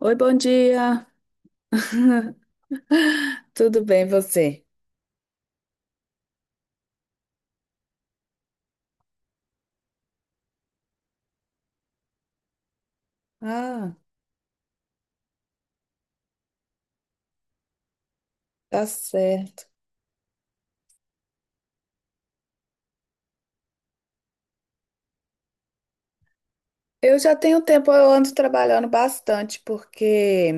Oi, bom dia. Tudo bem, você? Ah, tá certo. Eu já tenho tempo, eu ando trabalhando bastante, porque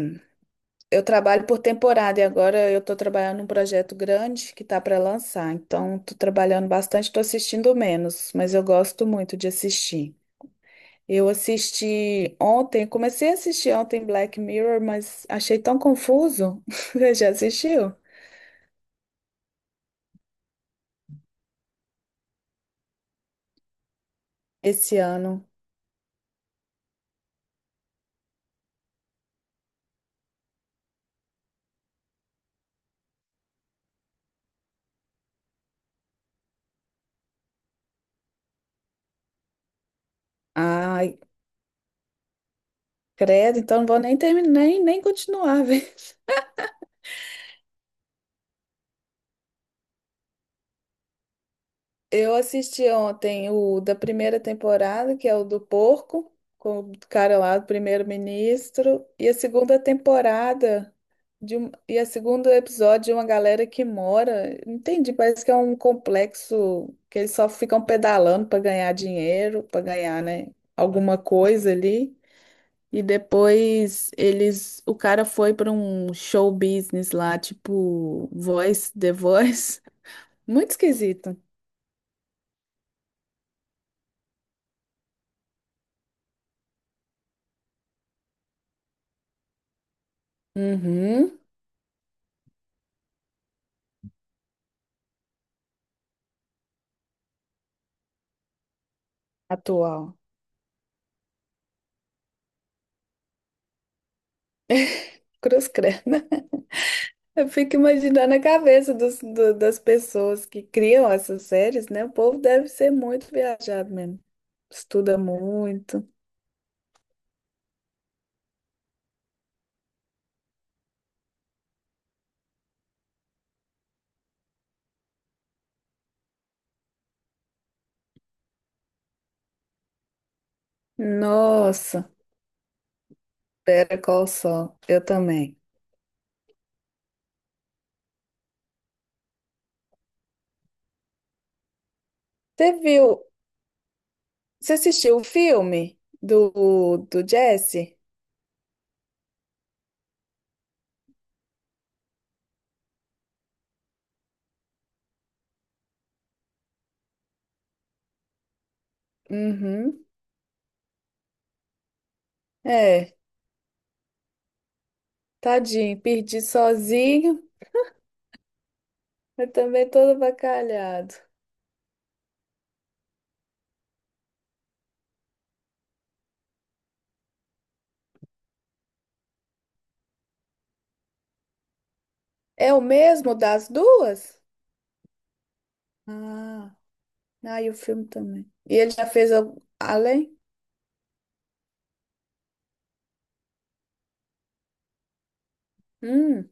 eu trabalho por temporada e agora eu tô trabalhando num projeto grande que tá para lançar. Então, tô trabalhando bastante, tô assistindo menos, mas eu gosto muito de assistir. Comecei a assistir ontem Black Mirror, mas achei tão confuso. Você já assistiu? Esse ano. Ah, credo, então não vou nem terminar, nem continuar, velho. Eu assisti ontem o da primeira temporada, que é o do porco, com o cara lá do primeiro-ministro, e a segunda temporada e a segundo episódio de uma galera que mora. Não entendi, parece que é um complexo que eles só ficam pedalando para ganhar dinheiro, para ganhar, né, alguma coisa ali. E depois o cara foi para um show business lá, tipo Voice, The Voice. Muito esquisito. Uhum. Atual. Cruz credo. Eu fico imaginando a cabeça das pessoas que criam essas séries, né? O povo deve ser muito viajado mesmo. Estuda muito. Nossa, pera, qual o sol? Eu também. Você viu? Você assistiu o filme do Jesse? Uhum. É, tadinho, perdi sozinho. Eu também todo avacalhado. É o mesmo das duas? Ah. Ah, e o filme também. E ele já fez algum, além? Hum.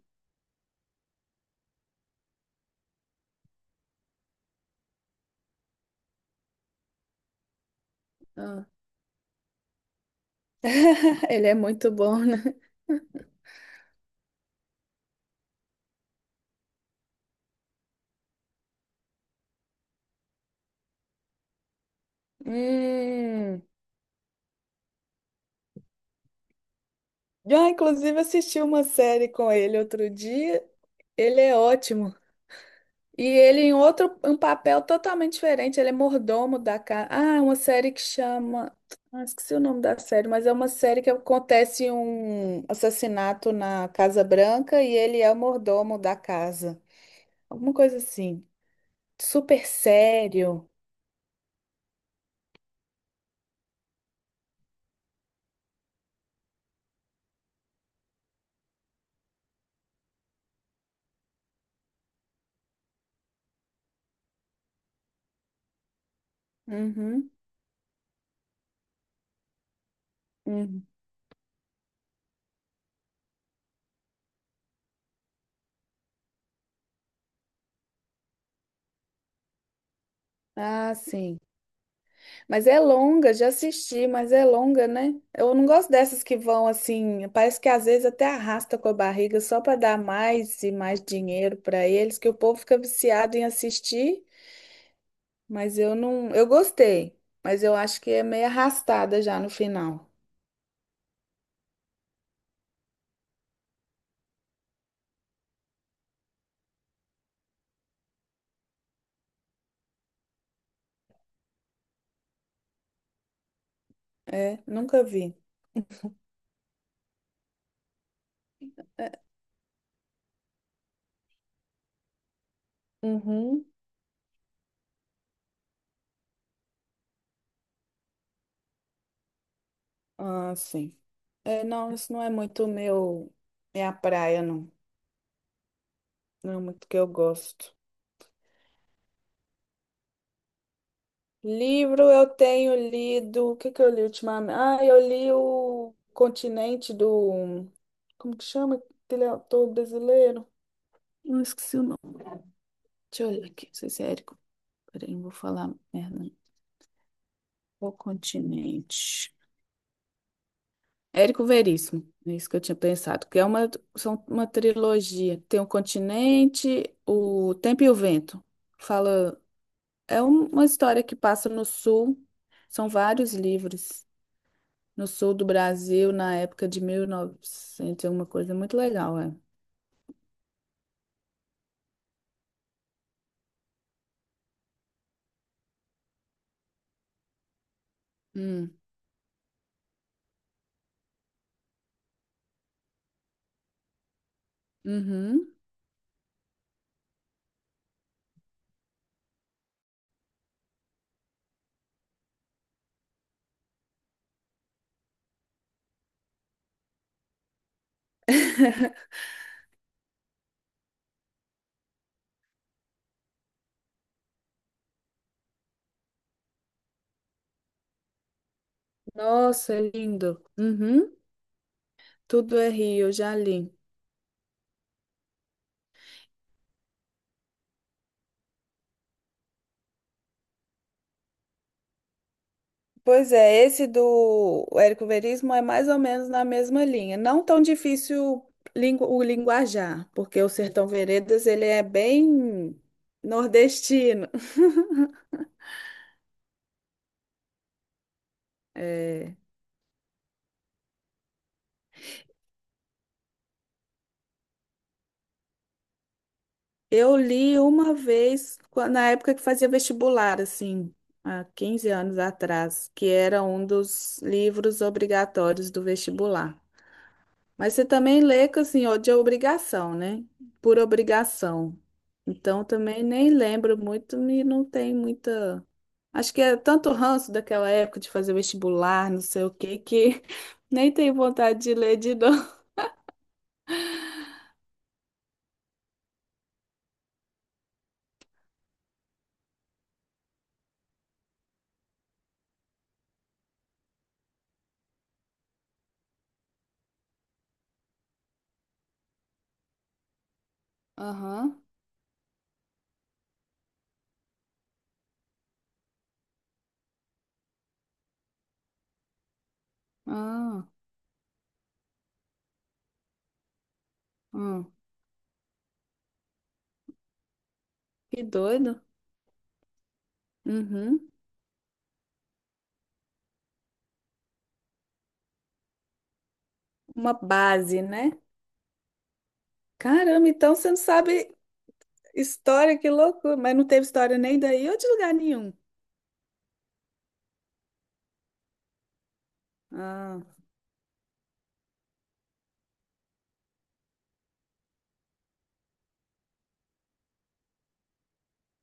Ah. Ele é muito bom, né? Hum. Já, inclusive, assisti uma série com ele outro dia. Ele é ótimo. E ele um papel totalmente diferente. Ele é mordomo da casa. Ah, uma série que chama. Ah, esqueci o nome da série, mas é uma série que acontece um assassinato na Casa Branca e ele é o mordomo da casa. Alguma coisa assim. Super sério. Uhum. Uhum. Ah, sim. Mas é longa, já assisti, mas é longa, né? Eu não gosto dessas que vão assim, parece que às vezes até arrasta com a barriga só para dar mais e mais dinheiro para eles, que o povo fica viciado em assistir, mas eu não, eu gostei, mas eu acho que é meio arrastada já no final. É, nunca vi. Uhum. Ah, sim. É, não, isso não é muito meu, minha praia, não. Não é muito que eu gosto. Livro eu tenho lido. O que que eu li ultimamente? Ah, eu li o Continente do. Como que chama aquele autor brasileiro? Não esqueci o nome. Deixa eu olhar aqui, não sei se é Érico. Peraí, não vou falar merda. O Continente. Érico Veríssimo, é isso que eu tinha pensado, são uma trilogia. Tem o Continente, o Tempo e o Vento. Fala, é uma história que passa no sul. São vários livros, no sul do Brasil na época de 1900, uma coisa muito legal, é. Hum, uhum. Nossa, é lindo. Uhum. Tudo é Rio, já li. Pois é, esse do Érico Veríssimo é mais ou menos na mesma linha. Não tão difícil o linguajar, porque o Sertão Veredas ele é bem nordestino. É, eu li uma vez, na época que fazia vestibular, assim, há 15 anos atrás, que era um dos livros obrigatórios do vestibular. Mas você também lê, que, assim, ó, de obrigação, né? Por obrigação. Então, também nem lembro muito e não tem muita. Acho que é tanto ranço daquela época de fazer vestibular, não sei o quê, que nem tenho vontade de ler de novo. Aham. Ah, ah. Que doido. Uhum. Uma base, né? Caramba, então você não sabe história, que loucura. Mas não teve história nem daí ou de lugar nenhum. Ah,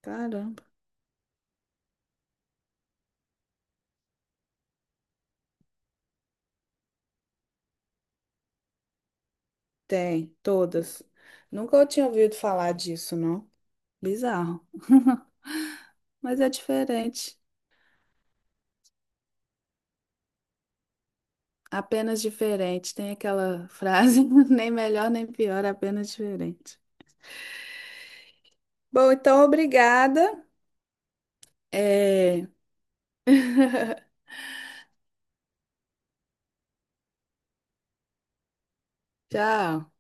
caramba. Tem, todas. Nunca eu tinha ouvido falar disso, não. Bizarro. Mas é diferente. Apenas diferente. Tem aquela frase, nem melhor nem pior, apenas diferente. Bom, então obrigada. É. Tchau.